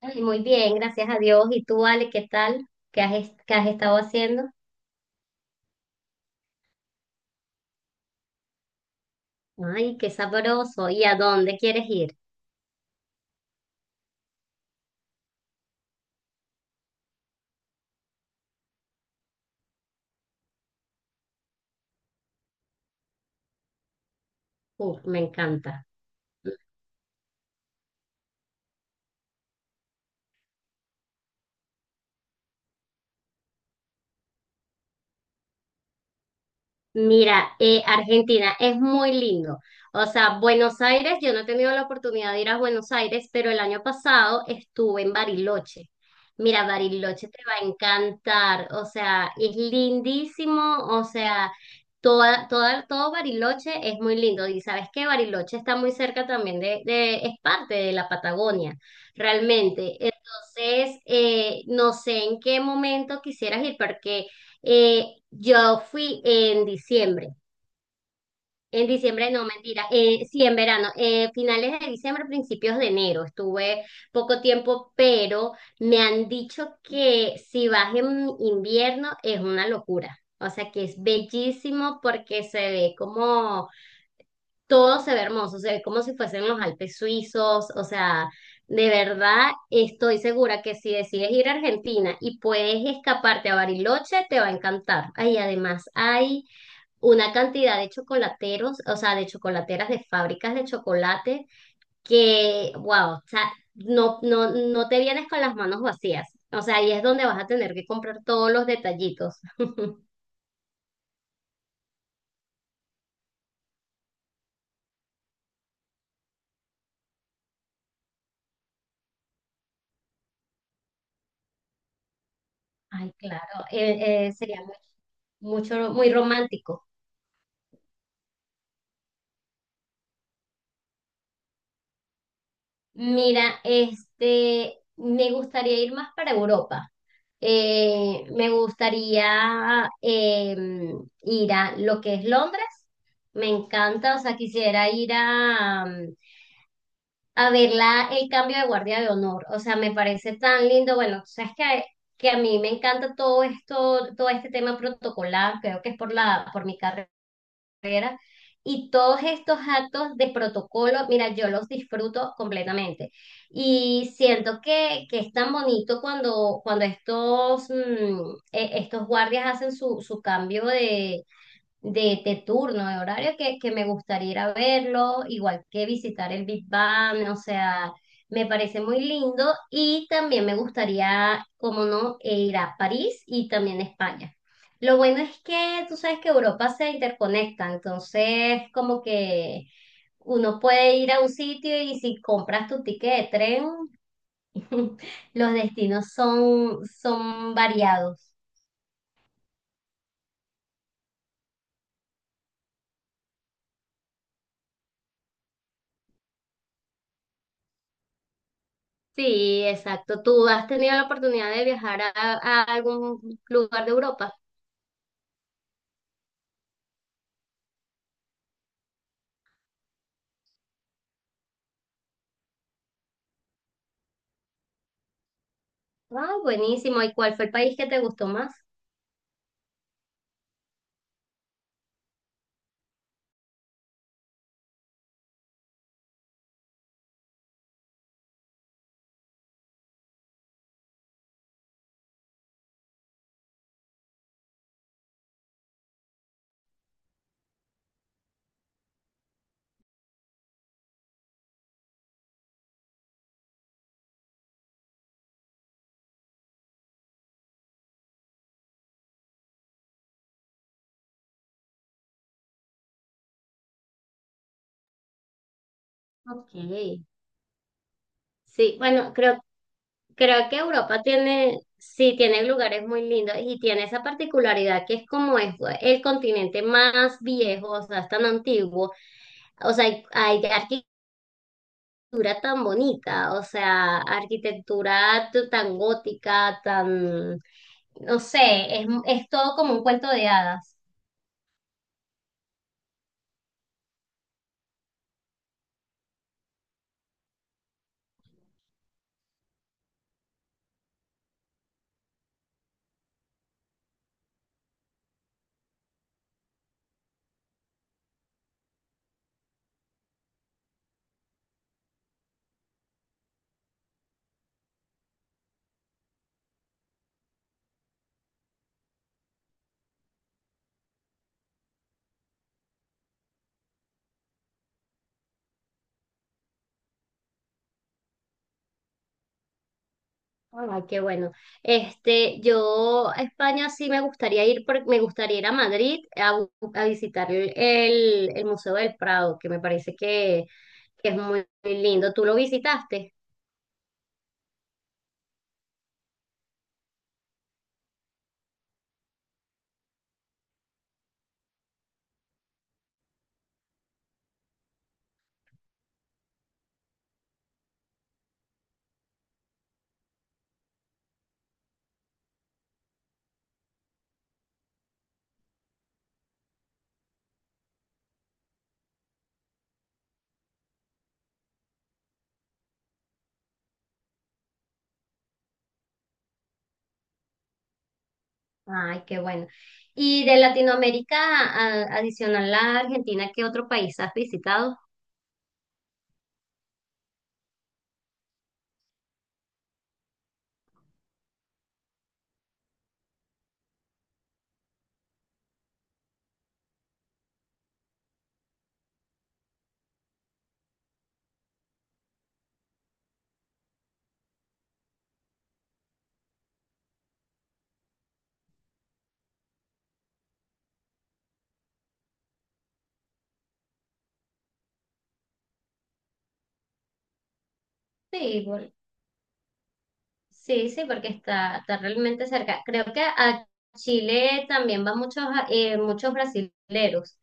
Ay, muy bien, gracias a Dios. ¿Y tú, Ale, qué tal? ¿ qué has estado haciendo? Ay, qué sabroso. ¿Y a dónde quieres ir? Me encanta. Mira, Argentina es muy lindo. O sea, Buenos Aires, yo no he tenido la oportunidad de ir a Buenos Aires, pero el año pasado estuve en Bariloche. Mira, Bariloche te va a encantar. O sea, es lindísimo. O sea, todo Bariloche es muy lindo. Y sabes que Bariloche está muy cerca también es parte de la Patagonia, realmente. Entonces, no sé en qué momento quisieras ir, porque... Eh, yo fui en diciembre no, mentira, sí, en verano, finales de diciembre, principios de enero, estuve poco tiempo, pero me han dicho que si vas en invierno es una locura, o sea que es bellísimo porque se ve como todo se ve hermoso, se ve como si fuesen los Alpes suizos, o sea, de verdad estoy segura que si decides ir a Argentina y puedes escaparte a Bariloche, te va a encantar. Ahí además hay una cantidad de chocolateros, o sea, de chocolateras de fábricas de chocolate que, wow, o sea, no, no, no te vienes con las manos vacías. O sea, ahí es donde vas a tener que comprar todos los detallitos. Ay, claro, sería muy romántico. Mira, este, me gustaría ir más para Europa. Me gustaría ir a lo que es Londres. Me encanta, o sea, quisiera ir a, a ver el cambio de guardia de honor. O sea, me parece tan lindo. Bueno, tú sabes que a mí me encanta todo esto, todo este tema protocolar. Creo que es por la, por mi carrera y todos estos actos de protocolo, mira, yo los disfruto completamente. Y siento que es tan bonito cuando, cuando estos, estos guardias hacen su, su cambio de turno, de horario, que me gustaría ir a verlo, igual que visitar el Big Bang, o sea, me parece muy lindo y también me gustaría, como no, ir a París y también España. Lo bueno es que tú sabes que Europa se interconecta, entonces como que uno puede ir a un sitio y si compras tu ticket de tren, los destinos son, son variados. Sí, exacto. ¿Tú has tenido la oportunidad de viajar a algún lugar de Europa? Ah, buenísimo. ¿Y cuál fue el país que te gustó más? Ok. Sí, bueno, creo, creo que Europa tiene, sí, tiene lugares muy lindos y tiene esa particularidad que es como es el continente más viejo, o sea, es tan antiguo. O sea, hay arquitectura tan bonita, o sea, tan gótica, tan, no sé, es todo como un cuento de hadas. Ay, qué bueno. Este, yo a España sí me gustaría ir, porque me gustaría ir a Madrid a, a visitar el Museo del Prado, que me parece que es muy, muy lindo. ¿Tú lo visitaste? Ay, qué bueno. Y de Latinoamérica, adicional a Argentina, ¿qué otro país has visitado? Sí, sí, sí, porque está, está realmente cerca. Creo que a Chile también van muchos, muchos brasileros.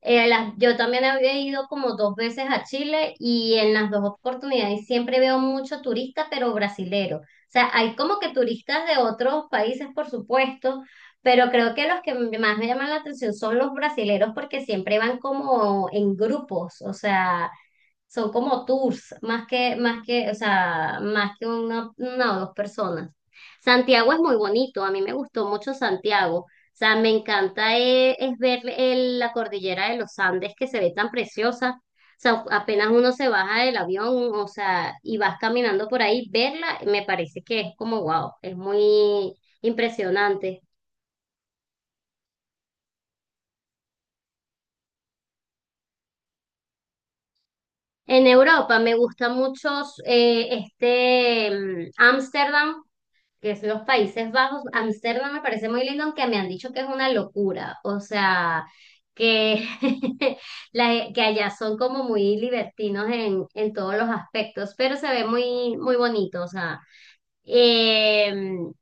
Yo también había ido como dos veces a Chile y en las dos oportunidades siempre veo mucho turista, pero brasilero. O sea, hay como que turistas de otros países, por supuesto, pero creo que los que más me llaman la atención son los brasileros porque siempre van como en grupos, o sea, son como tours, o sea, más que una o dos personas. Santiago es muy bonito, a mí me gustó mucho Santiago. O sea, me encanta ver la cordillera de los Andes que se ve tan preciosa. O sea, apenas uno se baja del avión, o sea, y vas caminando por ahí, verla, me parece que es como wow, es muy impresionante. En Europa me gusta mucho Ámsterdam, que es los Países Bajos. Ámsterdam me parece muy lindo, aunque me han dicho que es una locura. O sea, que, que allá son como muy libertinos en todos los aspectos, pero se ve muy, muy bonito. O sea, Em,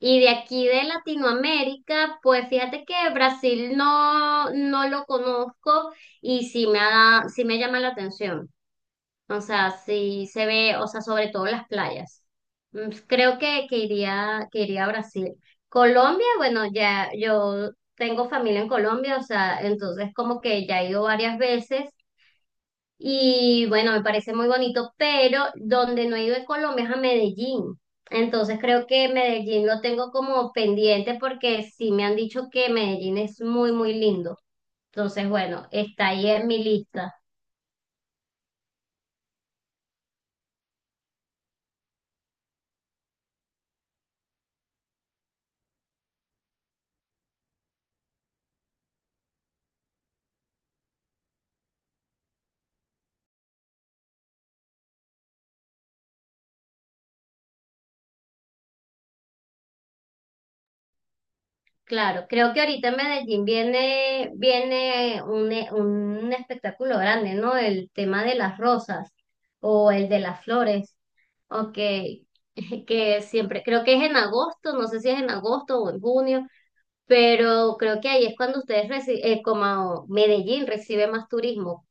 y de aquí de Latinoamérica, pues fíjate que Brasil no, no lo conozco y sí me ha, sí me llama la atención. O sea, sí se ve, o sea, sobre todo las playas. Creo que iría a Brasil. Colombia, bueno, ya yo tengo familia en Colombia, o sea, entonces como que ya he ido varias veces y bueno, me parece muy bonito, pero donde no he ido en Colombia es a Medellín. Entonces creo que Medellín lo tengo como pendiente porque sí me han dicho que Medellín es muy, muy lindo. Entonces, bueno, está ahí en mi lista. Claro, creo que ahorita en Medellín viene, viene un espectáculo grande, ¿no? El tema de las rosas o el de las flores, ok, que siempre, creo que es en agosto, no sé si es en agosto o en junio, pero creo que ahí es cuando ustedes reciben, como Medellín recibe más turismo.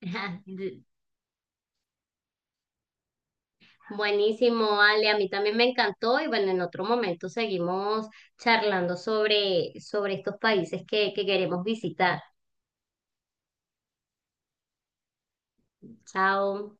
Ajá, buenísimo, Ale, a mí también me encantó y bueno, en otro momento seguimos charlando sobre, sobre estos países que queremos visitar. Chao,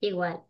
igual.